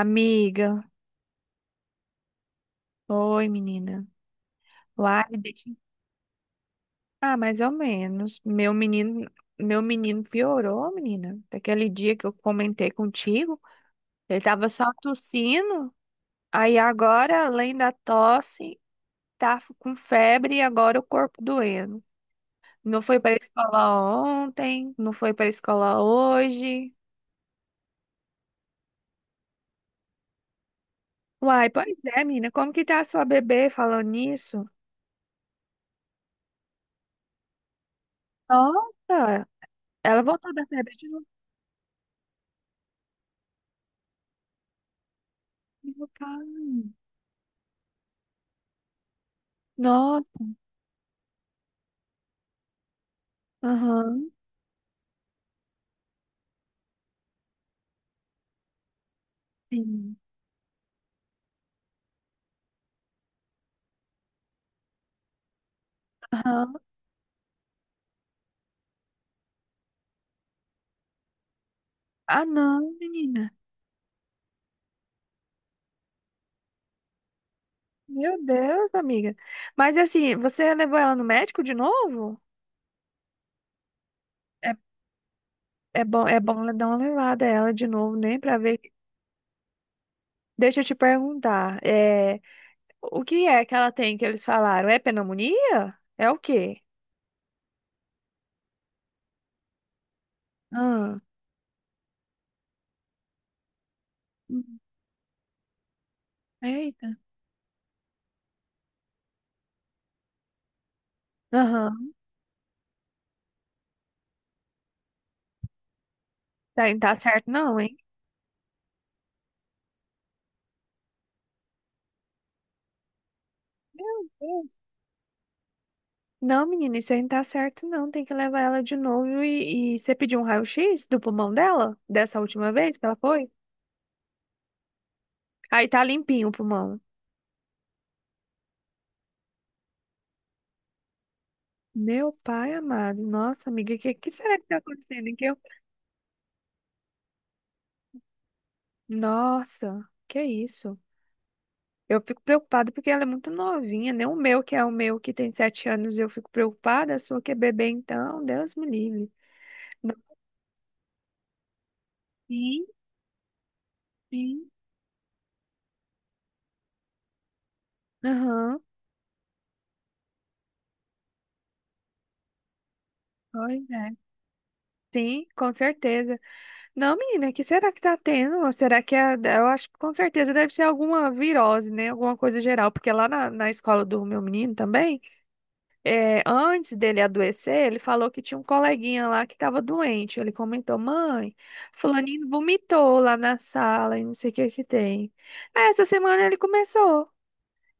Amiga, oi menina. Uai, me deixa. Ah, mais ou menos. Meu menino piorou, menina. Daquele dia que eu comentei contigo, ele tava só tossindo. Aí agora, além da tosse, tá com febre e agora o corpo doendo. Não foi pra escola ontem, não foi pra escola hoje. Uai, pois é, menina. Como que tá a sua bebê falando nisso? Nossa, ela voltou da febre de novo. Cara. Aham, sim. Aham. Ah, não, menina. Meu Deus, amiga. Mas assim, você levou ela no médico de novo? É, é bom dar uma levada a ela de novo, né? Pra ver. Deixa eu te perguntar. É, o que é que ela tem que eles falaram? É pneumonia? É o quê? Ah. Hum. Eita. Aham. Tá, não tá certo não, hein? Meu Deus. Não, menina, isso aí não tá certo não. Tem que levar ela de novo e você pediu um raio-x do pulmão dela? Dessa última vez que ela foi? Aí tá limpinho o pulmão. Meu pai amado. Nossa, amiga, o que será que tá acontecendo? Nossa, que isso? Eu fico preocupada porque ela é muito novinha, nem o meu, que é o meu que tem 7 anos, eu fico preocupada. A sua que é bebê, então, Deus me livre. Não. Sim, sim. Aham. Pois é. Sim, com certeza. Não, menina, que será que tá tendo? Ou será que é, eu acho que com certeza deve ser alguma virose, né? Alguma coisa geral, porque lá na escola do meu menino também. É, antes dele adoecer, ele falou que tinha um coleguinha lá que estava doente. Ele comentou, mãe, fulaninho vomitou lá na sala e não sei o que que tem. Essa semana ele começou,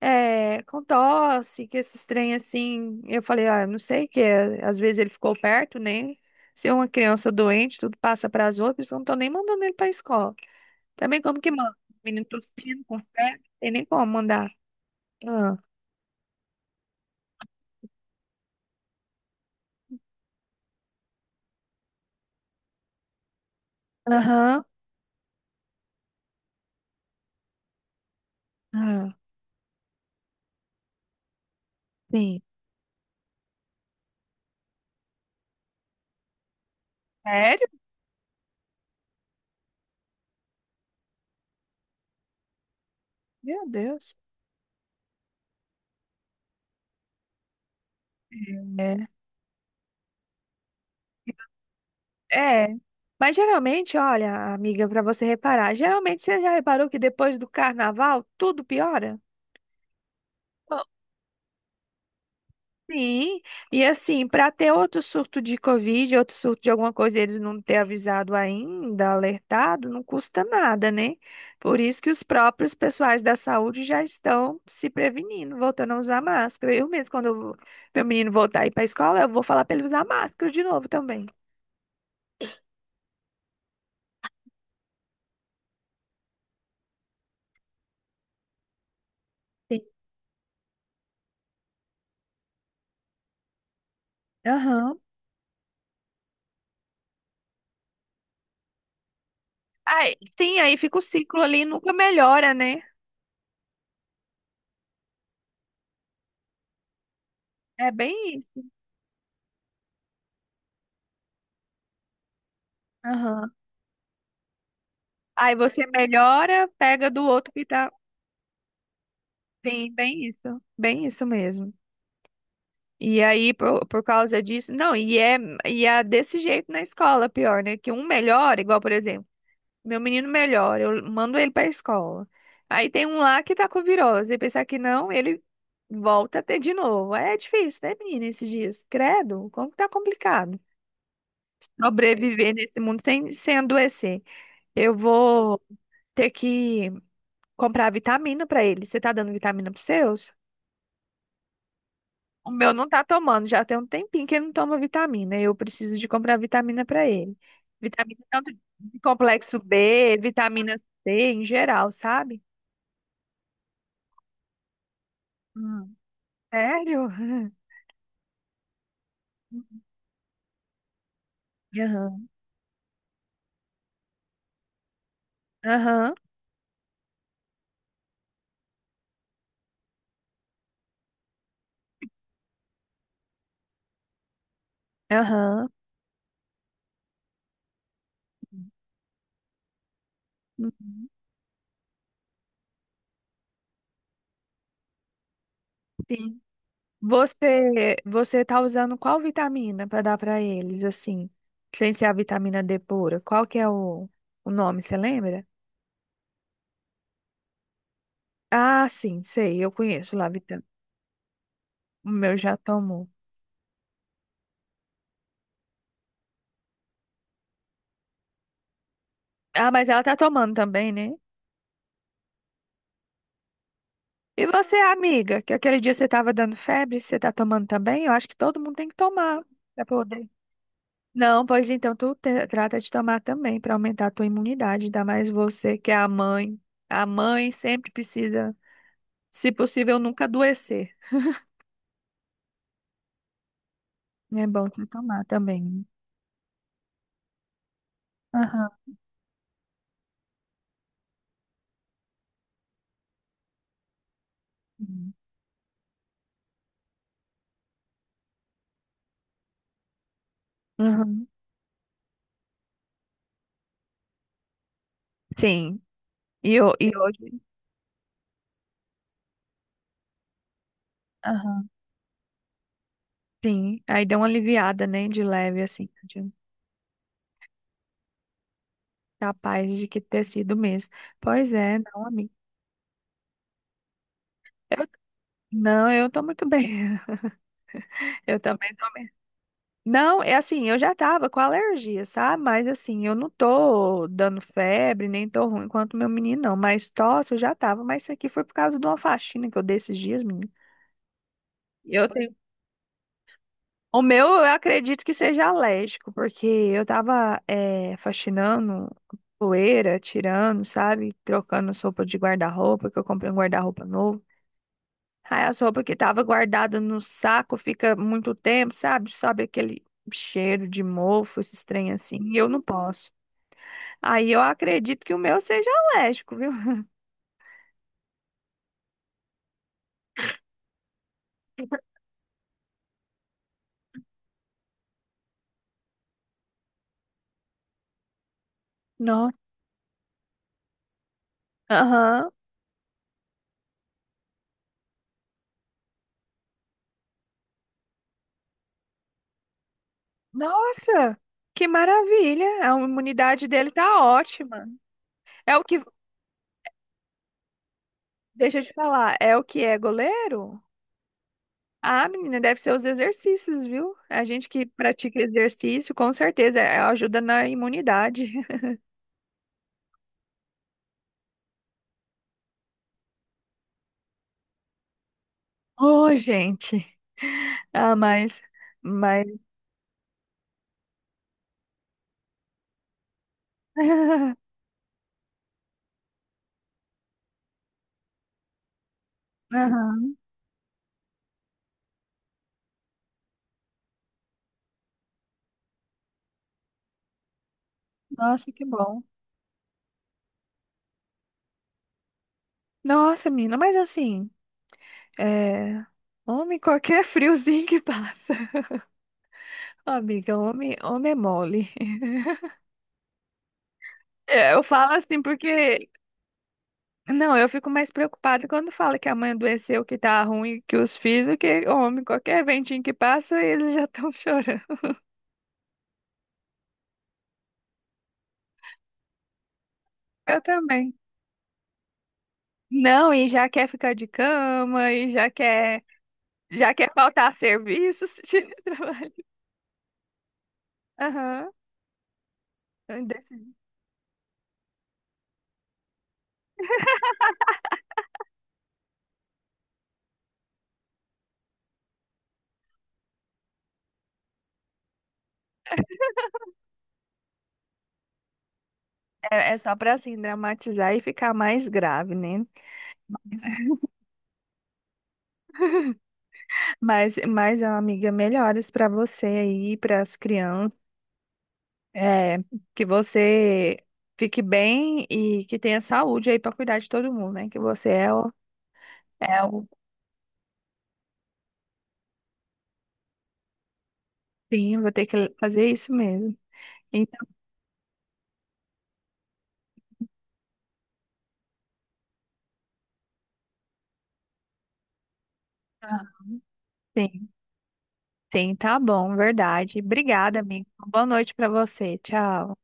é, com tosse, que esses trem assim. Eu falei, ah, eu não sei o que é. Às vezes ele ficou perto, né? Se é uma criança doente, tudo passa para as outras, eu não tô nem mandando ele para escola. Também como que manda? Menino tossindo, com febre, não tem nem como mandar. Ah. Aham, ah, sim. Sério? Meu Deus. É, é. Mas geralmente, olha, amiga, para você reparar, geralmente você já reparou que depois do carnaval tudo piora? Ó. Sim, e assim, para ter outro surto de Covid, outro surto de alguma coisa, eles não ter avisado ainda, alertado, não custa nada, né? Por isso que os próprios pessoais da saúde já estão se prevenindo, voltando a usar máscara. Eu mesmo, quando eu, meu menino voltar a ir para a escola, eu vou falar para ele usar máscara de novo também. tem- Aham. Aí, sim, aí fica o ciclo ali e nunca melhora, né? É bem isso. Aham. Aí você melhora, pega do outro que tá. Sim, bem isso. Bem isso mesmo. E aí, por causa disso. Não, e é desse jeito na escola, pior, né? Que um melhora, igual, por exemplo, meu menino melhora, eu mando ele pra escola. Aí tem um lá que tá com virose. E pensar que não, ele volta a ter de novo. É difícil, né, menina, esses dias? Credo, como que tá complicado. Sobreviver nesse mundo sem, sem adoecer. Eu vou ter que comprar vitamina pra ele. Você tá dando vitamina pros seus? O meu não tá tomando, já tem um tempinho que ele não toma vitamina. Eu preciso de comprar vitamina pra ele. Vitamina tanto de complexo B, vitamina C em geral, sabe? Hum. Sério? Aham, aham, aham. Uhum. Sim. Você tá usando qual vitamina para dar para eles, assim, sem ser a vitamina D pura? Qual que é o nome, você lembra? Ah, sim, sei, eu conheço lá, a vitamina. O meu já tomou. Ah, mas ela tá tomando também, né? E você, amiga, que aquele dia você tava dando febre, você tá tomando também? Eu acho que todo mundo tem que tomar para poder. Não, pois então tu trata de tomar também para aumentar a tua imunidade, ainda mais você que é a mãe. A mãe sempre precisa, se possível, nunca adoecer. É bom você tomar também. Aham. Uhum. Uhum. Sim. E, e hoje, aham, sim. Aí deu uma aliviada, né? De leve, assim. Capaz de que ter sido mesmo. Pois é, não, amiga. Não, eu tô muito bem. Eu também tô. Não, é assim, eu já tava com alergia, sabe? Mas assim, eu não tô dando febre, nem tô ruim quanto meu menino, não. Mas tosse eu já tava. Mas isso aqui foi por causa de uma faxina que eu dei esses dias, menino. Eu O meu, eu acredito que seja alérgico, porque eu tava faxinando poeira, tirando, sabe? Trocando as roupas de guarda-roupa, que eu comprei um guarda-roupa novo. Aí as roupas que tava guardada no saco fica muito tempo, sabe? Sobe aquele cheiro de mofo, esses trem assim, e eu não posso. Aí eu acredito que o meu seja alérgico, viu? Nossa. Aham. Nossa, que maravilha! A imunidade dele tá ótima. É o que Deixa eu te falar, é o que é goleiro? Ah, menina, deve ser os exercícios, viu? A gente que pratica exercício, com certeza, ajuda na imunidade. Oh, gente. Ah, mas, mas. Aham. Nossa, que bom. Nossa, menina, mas assim, é... homem, qualquer friozinho que passa. Ó, amiga, homem, homem é mole. É, eu falo assim porque... Não, eu fico mais preocupada quando fala que a mãe adoeceu, que tá ruim, que os filhos, que homem, qualquer ventinho que passa, eles já estão chorando. Eu também. Não, e já quer ficar de cama, e já quer faltar serviços de trabalho. Aham. desse- É, é só pra assim dramatizar e ficar mais grave, né? Mas amiga, melhoras pra você aí, para as crianças. É, que você fique bem e que tenha saúde aí para cuidar de todo mundo, né? Que você é o, é o... Sim, vou ter que fazer isso mesmo. Então, tá. Sim, sim, tá bom, verdade. Obrigada, amigo. Boa noite para você. Tchau.